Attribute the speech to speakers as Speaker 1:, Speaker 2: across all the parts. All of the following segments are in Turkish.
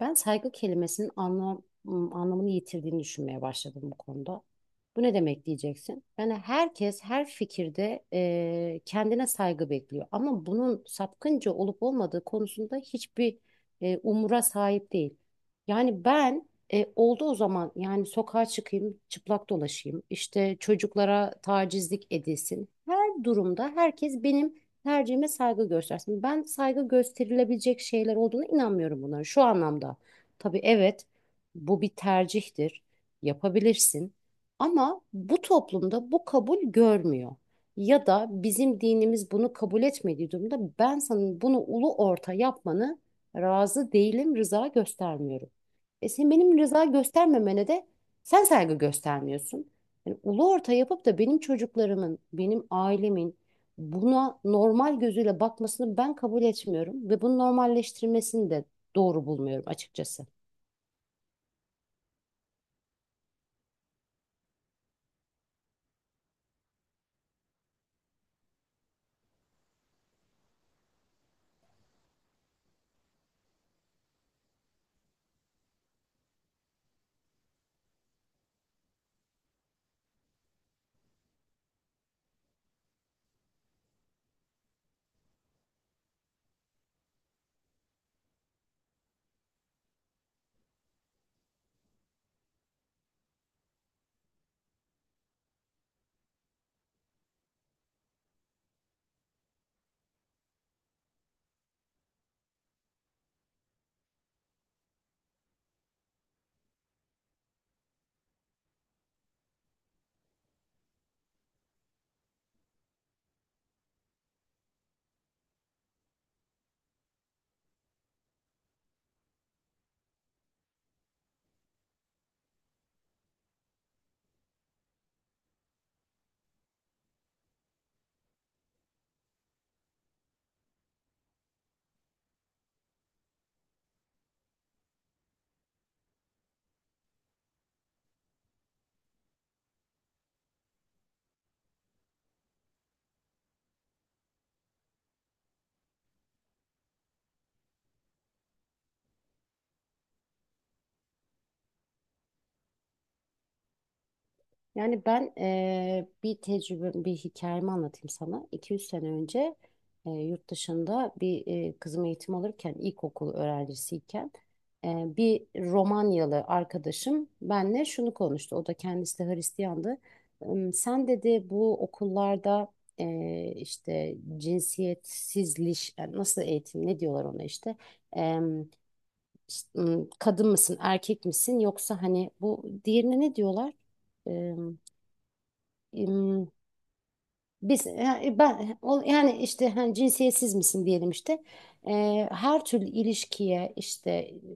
Speaker 1: Ben saygı kelimesinin anlamını yitirdiğini düşünmeye başladım bu konuda. Bu ne demek diyeceksin? Yani herkes her fikirde kendine saygı bekliyor. Ama bunun sapkınca olup olmadığı konusunda hiçbir umura sahip değil. Yani Ben oldu o zaman, yani sokağa çıkayım, çıplak dolaşayım, işte çocuklara tacizlik edilsin. Her durumda herkes benim tercihime saygı göstersin. Ben saygı gösterilebilecek şeyler olduğuna inanmıyorum bunların şu anlamda. Tabii evet, bu bir tercihtir. Yapabilirsin. Ama bu toplumda bu kabul görmüyor. Ya da bizim dinimiz bunu kabul etmediği durumda ben sana bunu ulu orta yapmanı razı değilim, rıza göstermiyorum. E sen benim rıza göstermemene de sen saygı göstermiyorsun. Yani ulu orta yapıp da benim çocuklarımın, benim ailemin, buna normal gözüyle bakmasını ben kabul etmiyorum ve bunu normalleştirmesini de doğru bulmuyorum açıkçası. Yani ben bir tecrübe, bir hikayemi anlatayım sana. 200 sene önce yurt dışında bir kızım eğitim alırken, ilkokul öğrencisiyken bir Romanyalı arkadaşım benle şunu konuştu. O da kendisi de Hristiyandı. Sen dedi bu okullarda işte cinsiyetsizliş, yani nasıl eğitim, ne diyorlar ona işte? Em, işte, kadın mısın, erkek misin, yoksa hani bu diğerine ne diyorlar? Im, Biz yani yani işte hani cinsiyetsiz misin diyelim işte. Her türlü ilişkiye işte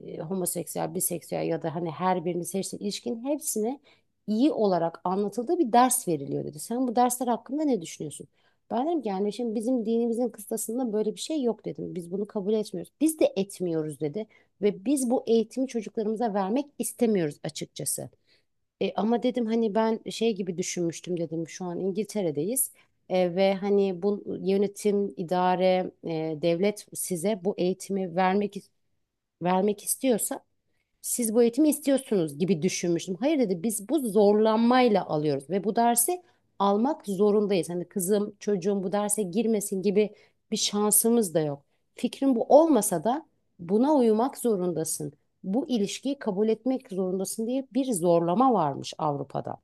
Speaker 1: homoseksüel, biseksüel ya da hani her birini seçtiğin ilişkinin hepsine iyi olarak anlatıldığı bir ders veriliyor dedi. Sen bu dersler hakkında ne düşünüyorsun? Ben dedim ki yani şimdi bizim dinimizin kıstasında böyle bir şey yok dedim. Biz bunu kabul etmiyoruz. Biz de etmiyoruz dedi. Ve biz bu eğitimi çocuklarımıza vermek istemiyoruz açıkçası. E, ama dedim hani ben şey gibi düşünmüştüm, dedim şu an İngiltere'deyiz. E, ve hani bu yönetim, idare, devlet size bu eğitimi vermek istiyorsa siz bu eğitimi istiyorsunuz gibi düşünmüştüm. Hayır dedi, biz bu zorlanmayla alıyoruz ve bu dersi almak zorundayız. Hani kızım çocuğum bu derse girmesin gibi bir şansımız da yok. Fikrin bu olmasa da buna uyumak zorundasın. Bu ilişkiyi kabul etmek zorundasın diye bir zorlama varmış Avrupa'da.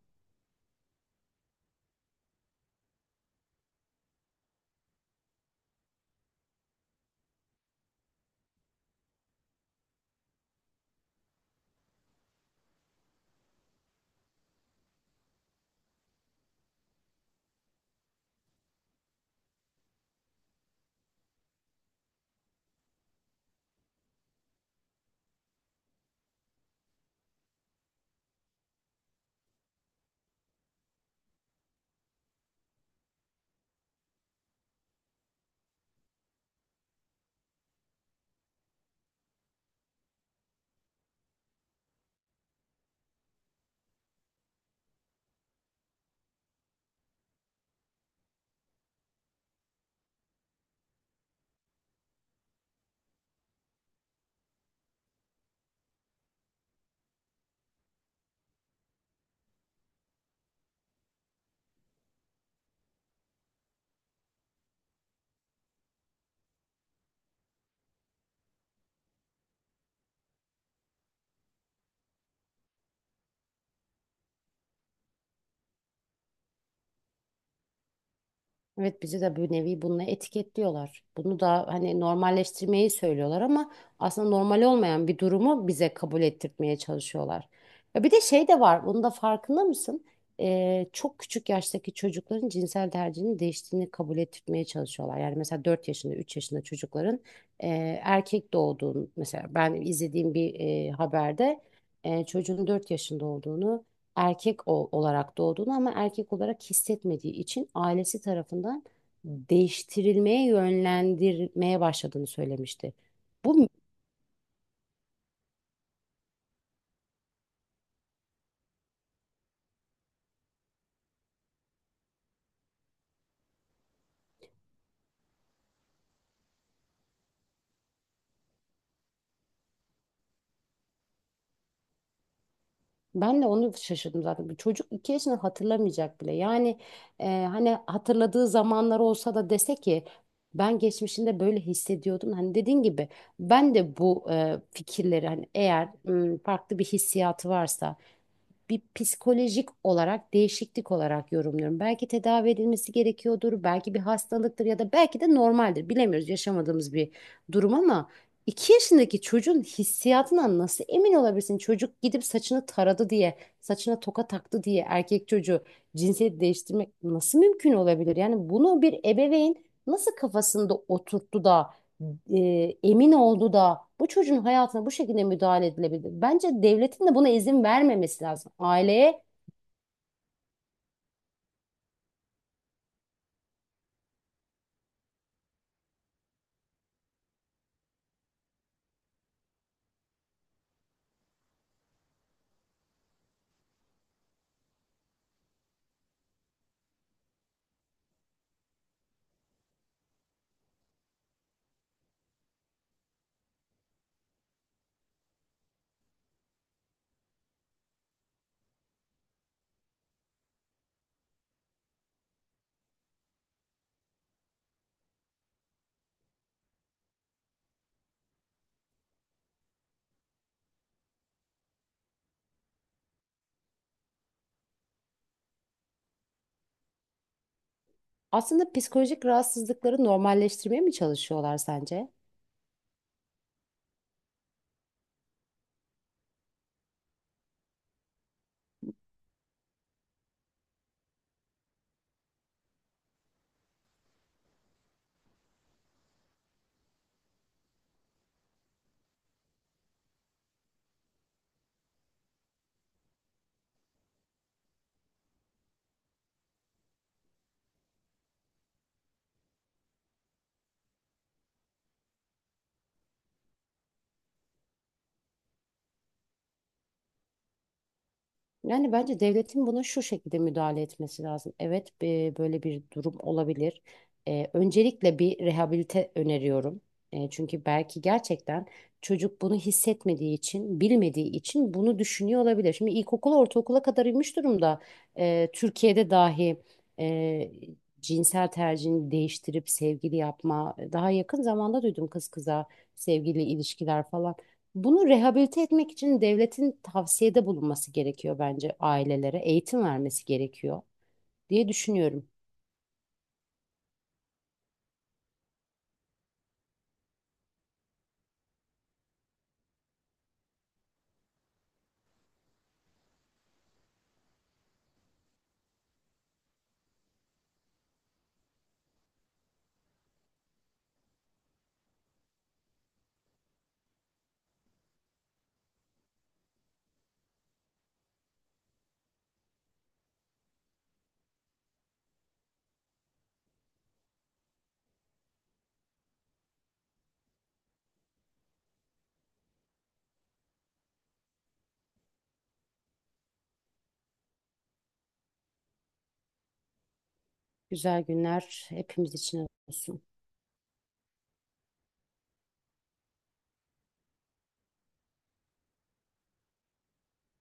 Speaker 1: Evet bizi de bir nevi bununla etiketliyorlar. Bunu da hani normalleştirmeyi söylüyorlar ama aslında normal olmayan bir durumu bize kabul ettirtmeye çalışıyorlar. Ya bir de şey de var, bunun da farkında mısın? Çok küçük yaştaki çocukların cinsel tercihinin değiştiğini kabul ettirtmeye çalışıyorlar. Yani mesela 4 yaşında, 3 yaşında çocukların e, erkek doğduğunu, mesela ben izlediğim bir haberde çocuğun 4 yaşında olduğunu, olarak doğduğunu ama erkek olarak hissetmediği için ailesi tarafından değiştirilmeye, yönlendirmeye başladığını söylemişti. Bu Ben de onu şaşırdım zaten. Bir çocuk iki yaşını hatırlamayacak bile. Yani e, hani hatırladığı zamanlar olsa da dese ki ben geçmişinde böyle hissediyordum. Hani dediğin gibi ben de bu fikirleri, hani eğer farklı bir hissiyatı varsa bir psikolojik olarak değişiklik olarak yorumluyorum. Belki tedavi edilmesi gerekiyordur, belki bir hastalıktır ya da belki de normaldir. Bilemiyoruz yaşamadığımız bir durum, ama iki yaşındaki çocuğun hissiyatından nasıl emin olabilirsin? Çocuk gidip saçını taradı diye, saçına toka taktı diye erkek çocuğu cinsiyet değiştirmek nasıl mümkün olabilir? Yani bunu bir ebeveyn nasıl kafasında oturttu da e, emin oldu da bu çocuğun hayatına bu şekilde müdahale edilebilir. Bence devletin de buna izin vermemesi lazım. Aileye aslında psikolojik rahatsızlıkları normalleştirmeye mi çalışıyorlar sence? Yani bence devletin buna şu şekilde müdahale etmesi lazım. Evet, böyle bir durum olabilir. E, öncelikle bir rehabilite öneriyorum. E, çünkü belki gerçekten çocuk bunu hissetmediği için, bilmediği için bunu düşünüyor olabilir. Şimdi ilkokula, ortaokula kadar inmiş durumda. E, Türkiye'de dahi e, cinsel tercihini değiştirip sevgili yapma, daha yakın zamanda duydum, kız kıza sevgili ilişkiler falan. Bunu rehabilite etmek için devletin tavsiyede bulunması gerekiyor bence ailelere. Eğitim vermesi gerekiyor diye düşünüyorum. Güzel günler hepimiz için olsun.